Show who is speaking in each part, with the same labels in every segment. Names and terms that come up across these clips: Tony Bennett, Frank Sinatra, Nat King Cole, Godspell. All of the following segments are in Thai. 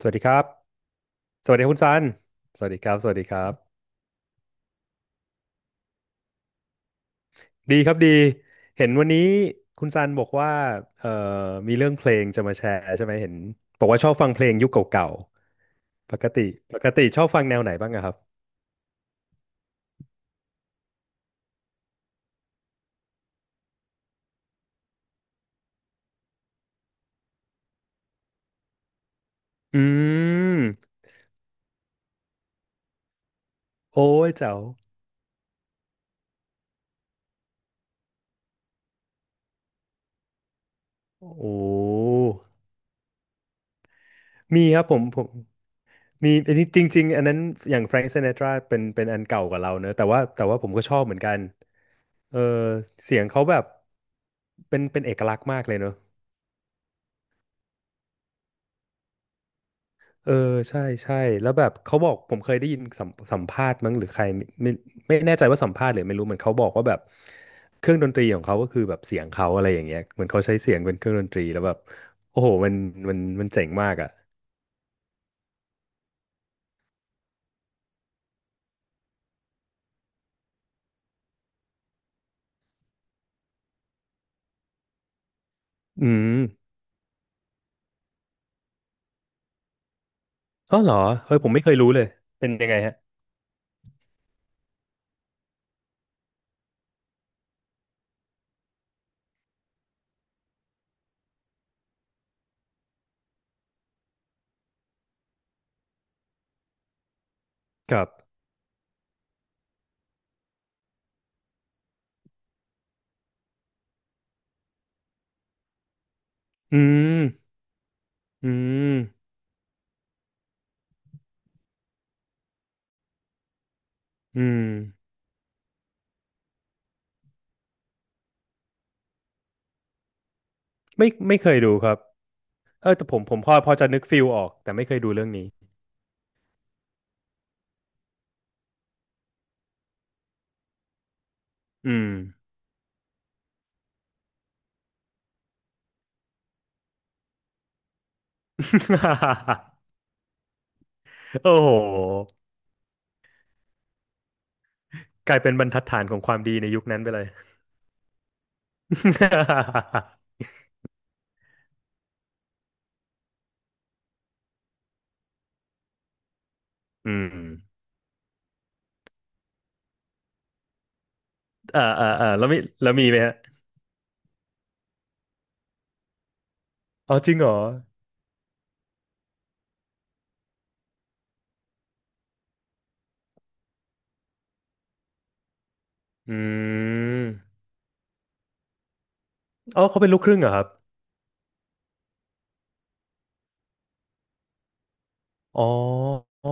Speaker 1: สวัสดีครับสวัสดีคุณซันสวัสดีครับ สวัสดีครับดีครับดี เห็นวันนี้คุณซันบอกว่าเอ่อมีเรื่องเพลงจะมาแชร์ใช่ไหมเห็นบอกว่าชอบฟังเพลงยุคเก่าๆปกติปกติชอบฟังแนวไหนบ้างอะครับ อืมโอ้ยเจ้าโอ้มีครับผมมีจริงๆอันนั้นอย่างแฟรง k ์ซิน t ตราเป็นอันเก่ากว่าเราเนอะแต่ว่าผมก็ชอบเหมือนกันเออเสียงเขาแบบเป็นเอกลักษณ์มากเลยเนอะ เออใช่ใช่แล้วแบบเขาบอกผมเคยได้ยินสัมภาษณ์มั้งหรือใครไม่แน่ใจว่าสัมภาษณ์หรือไม่รู้เหมือนเขาบอกว่าแบบเครื่องดนตรีของเขาก็คือแบบเสียงเขาอะไรอย่างเงี้ยเหมือนเขาใช้เสียงเป็นเครื่องดนตรีแล้วแบบโอ้โหมันเจ๋งมากอ่ะอืมอ๋อเหรอเฮ้ยผมไม่เคยรู้เลยเป็นยังไงฮะครับอืมอืมอืมไม่เคยดูครับเออแต่ผมพอจะนึกฟิลออกแต่ไม่เคยดูเรื่องนี้อืม โอ้โห กลายเป็นบรรทัดฐานของความดีในยุคนั้นไปเลย อืมแล้วมีแล้วมีไหมฮะอ๋อ จริงเหรออืมอ๋อ เขาเป็นลูกครึ่งเหรอครับอ๋ออ๋อ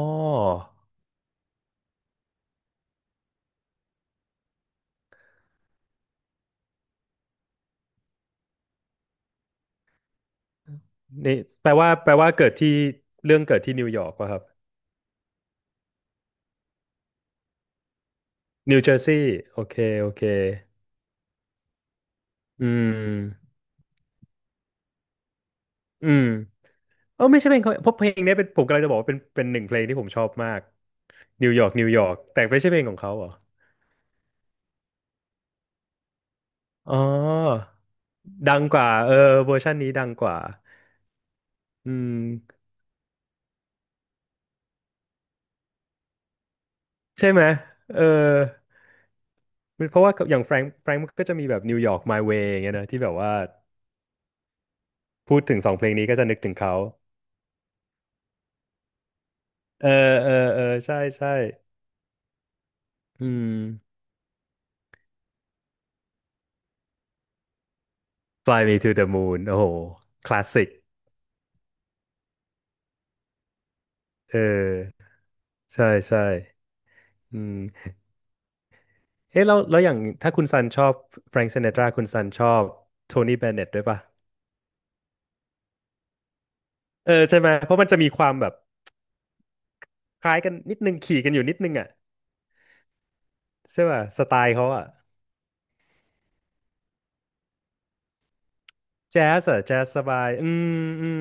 Speaker 1: นี่ แปลว่าเกิดที่ เรื่องเกิดที่นิวยอร์กวะครับนิวเจอร์ซีย์โอเค โอเคอืมอืมเออไม่ใช่เพลงเขาเพราะเพลงเนี้ยเป็นผมกำลังจะบอกว่าเป็นหนึ่งเพลงที่ผมชอบมากนิวยอร์กแต่ไม่ใช่เพลงของเขาเหรอ อ๋อ ดังกว่าเออเวอร์ชันนี้ดังกว่าอืมใช่ไหมเออมันเพราะว่าอย่างแฟรงค์ก็จะมีแบบนิวยอร์ก My Way อย่างเงี้ยนะที่แบบว่าพูดถึงสองเพลงนี้ก็จะนึกถึงเขา เออ เออเออใช่ ใช่อืม Fly Me to the Moon โอ้โห คลาสสิก เออ ใช่ใช่อืมเอ๊ะแล้วอย่างถ้าคุณซันชอบแฟรง k ์ซิน t ตราคุณซันชอบโทนี่เบนเน็ตด้วยป่ะเออใช่ไหม เพราะมันจะมีความแบบคล้ายกันนิดนึงขี่กันอยู่นิดนึงอ่ะ ใช่ป่ะสไตล์เขาอะแจ๊สอะแจ๊สสบายอืมอืม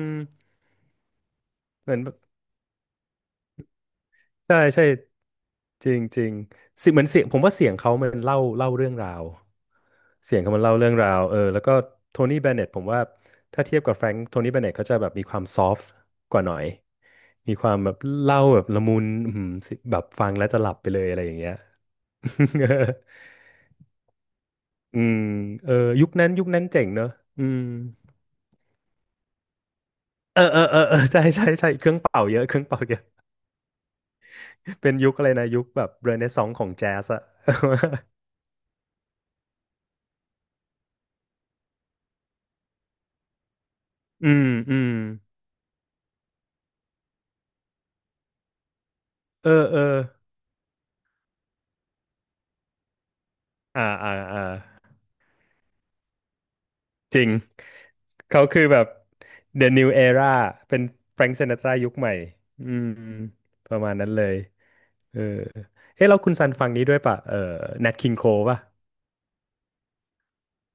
Speaker 1: เหมือนแบบใช่ใช่จริงจริงเสิเหมือนเสียงผมว่าเสียงเขามันเล่าเล่าเรื่องราวเสียงเขามันเล่าเรื่องราวเออแล้วก็โทนี่เบนเน็ตผมว่าถ้าเทียบกับแฟรงค์โทนี่เบนเน็ตเขาจะแบบมีความซอฟต์กว่าหน่อยมีความแบบเล่าแบบละมุนอืมแบบฟังแล้วจะหลับไปเลยอะไรอย่างเงี้ย อืมเออยุคนั้นเจ๋งเนอะอืมเออเออเออเออใช่ใช่ใช่เครื่องเป่าเยอะเครื่องเป่าเยอะ เป็นยุคอะไรนะยุคแบบเรเนซองส์ของแจ๊สอะ อืมอืมเออเอออ่าอ่าอ่าจริงเขาคือแบบ The New Era เป็นแฟรง k ์ซินาตรายุคใหม่อืมประมาณนั้นเลยเออเฮ้แล้วคุณซันฟังนี้ด้วยป่ะเออ Nat King Cole ป่ะ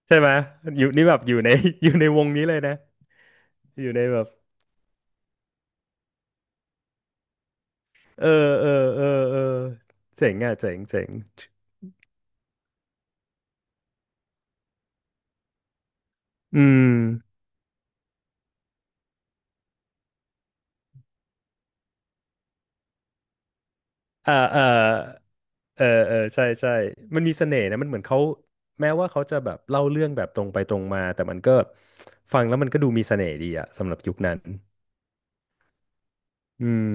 Speaker 1: ใช่ไหมอยู่นี่แบบอยู่ใน อยู่ในวงนี้เลยนะอยู่ในแบบเออเออเออเออเจ๋งอ่ะเจ๋งเจ๋งอืม อ่าอ่าเออเออใช่ใช่มันมีเสน่ห์นะมันเหมือนเขาแม้ว่าเขาจะแบบเล่าเรื่องแบบตรงไปตรงมาแต่มันก็ฟังแล้วมันก็ดูมีเสน่ห์ดีอะสำหรับยุคนั้นอืม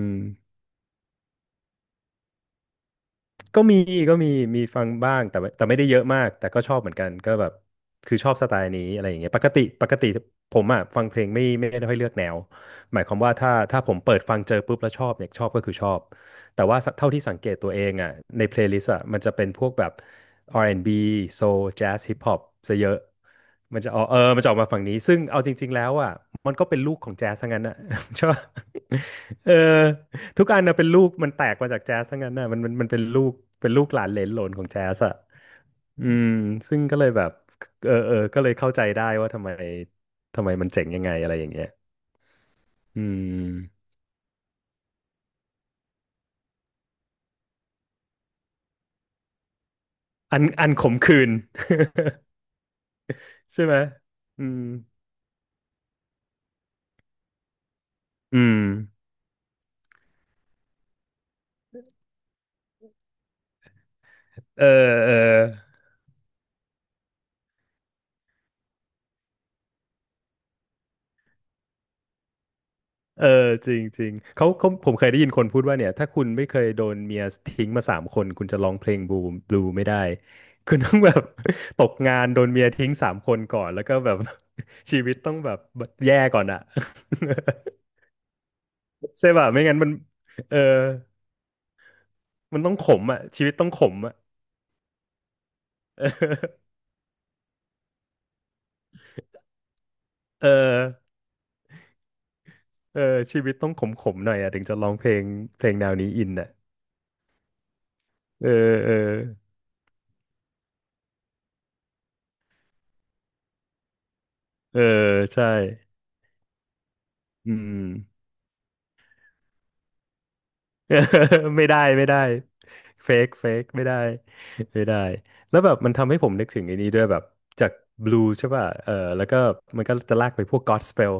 Speaker 1: ก็มีก็มีมีฟังบ้างแต่ว่าแต่ไม่ได้เยอะมากแต่ก็ชอบเหมือนกันก็แบบคือชอบสไตล์นี้อะไรอย่างเงี้ยปกติผมอ่ะฟังเพลงไม่ได้ค่อยเลือกแนวหมายความว่าถ้าผมเปิดฟังเจอปุ๊บแล้วชอบเนี่ยชอบก็คือชอบแต่ว่าเท่าที่สังเกตตัวเองอ่ะในเพลย์ลิสต์อ่ะมันจะเป็นพวกแบบ R&B Soul Jazz Hip Hop ซะเยอะมันจะออกเออมันจะออกมาฝั่งนี้ซึ่งเอาจริงๆแล้วอ่ะมันก็เป็นลูกของแจ๊สทั้งนั้นอ่ะ ใช่ปะเออ ทุกอันนะเป็นลูกมันแตกมาจากแจ๊สทั้งนั้นนะมันเป็นลูกเป็นลูกหลานเหลนโหลนของแจ๊สอะอืมซึ่งก็เลยแบบเออเออก็เลยเข้าใจได้ว่าทำไมทำไมมันเจ๋งยังไงอะไรอย่างเงี้ยอืมอันอันขมขื่น ใช่ไหมอืมอืมเออเออ เออจริงจริงเขาผมเคยได้ยินคนพูดว่าเนี่ยถ้าคุณไม่เคยโดนเมียทิ้งมาสามคนคุณจะร้องเพลงบลูบลูไม่ได้คุณต้องแบบ ตกงานโดนเมียทิ้งสามคนก่อนแล้วก็แบบ ชีวิตต้องแบบแย่ก่อนอะ ใช่ป่ะไม่งั้นมันเออมันต้องขมอะชีวิตต้องขมอะ เออเออเออชีวิตต้องขมขมหน่อยอะถึงจะร้องเพลงแนวนี้อินอะเออเออเออใช่อืม ไม่ได้เฟกไม่ได้ไม่ได้แล้วแบบมันทำให้ผมนึกถึงไอ้นี้ด้วยแบบจากบลูใช่ป่ะเออแล้วก็มันก็จะลากไปพวก Godspell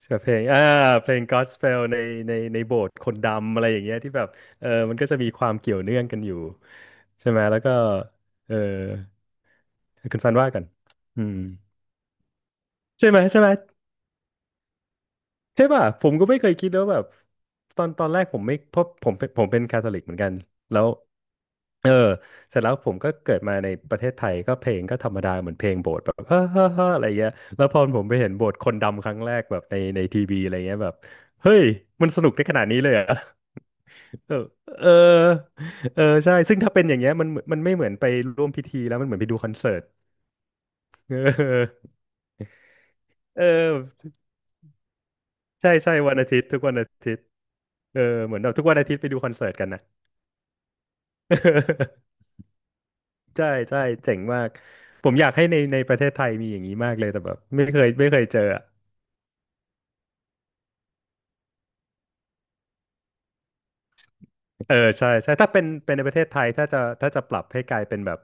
Speaker 1: ใช่ปะเพลงเพลง Godspell ในในโบสถ์คนดำอะไรอย่างเงี้ยที่แบบเออมันก็จะมีความเกี่ยวเนื่องกันอยู่ใช่ไหมแล้วก็เออคุณซันว่ากันอืมใช่ไหมใช่ไหม ใช่ป่ะผมก็ไม่เคยคิดแล้วาแบบตอนแรกผมไม่เพราะผมเป็นคาทอลิกเหมือนกันแล้วเออเสร็จแล้วผมก็เกิดมาในประเทศไทยก็เพลงก็ธรรมดาเหมือนเพลงโบสถ์แบบ เฮ้อเฮ้อเฮ้ออะไรเงี้ยแล้วพอผมไปเห็นโบสถ์คนดำครั้งแรกแบบในทีวีอะไรเงี้ยแบบเฮ้ยมันสนุกได้ขนาดนี้เลยเหรอ่ะเออ เออเออใช่ซึ่งถ้าเป็นอย่างเงี้ยมันไม่เหมือนไปร่วมพิธีแล้วมันเหมือนไปดูคอนเสิร์ต เออเออ ใช่ใช่วันอาทิตย์ทุกวันอาทิตย์เออเหมือนเราทุกวันอาทิตย์ไปดูคอนเสิร์ตกันนะ ใช่ใช่เจ๋งมากผมอยากให้ในประเทศไทยมีอย่างนี้มากเลยแต่แบบไม่เคยเจออะเออใช่ใช่ถ้าเป็นในประเทศไทยถ้าจะปรับให้กลายเป็นแบบ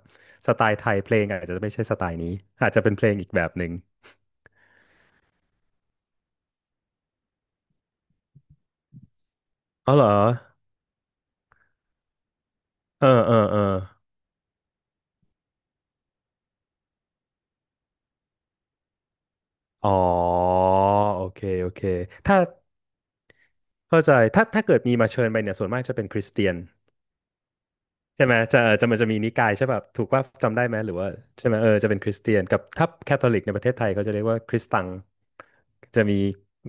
Speaker 1: สไตล์ไทยเพลงอาจจะไม่ใช่สไตล์นี้อาจจะเป็นเพลงอีกแบบหนึ่งอ๋อเหรอเออเออเอออ๋อโอเคโอเคถ้าเข้าใจถ้าเกิดมีมาเชิญไปเนี่ยส่วนมากจะเป็นคริสเตียน ใช่ไหมจะเออจะจะมีนิกายใช่ป่ะถูกว่าจำได้ไหมหรือว่าใช่ไหมเออจะเป็นคริสเตียนกับถ้าแคทอลิกในประเทศไทยเขาจะเรียกว่าคริสตังจะมี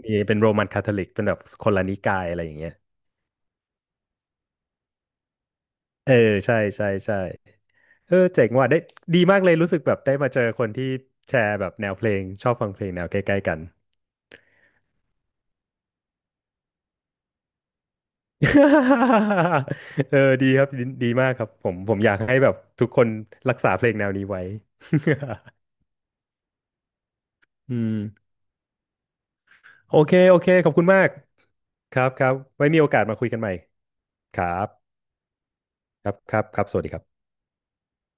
Speaker 1: มีเป็นโรมันคาทอลิกเป็นแบบคนละนิกายอะไรอย่างเงี้ยเออใช่ใช่ใช่เออเจ๋งว่ะได้ดีมากเลยรู้สึกแบบได้มาเจอคนที่แชร์แบบแนวเพลงชอบฟังเพลงแนวใกล้ๆกัน เออดีครับดีมากครับผมอยากให้แบบทุกคนรักษาเพลงแนวนี้ไว้ อืม โอเค โอเค ขอบคุณมาก ครับครับไว้มีโอกาสมาคุยกันใหม่ ครับครับครับสวัสดีครับ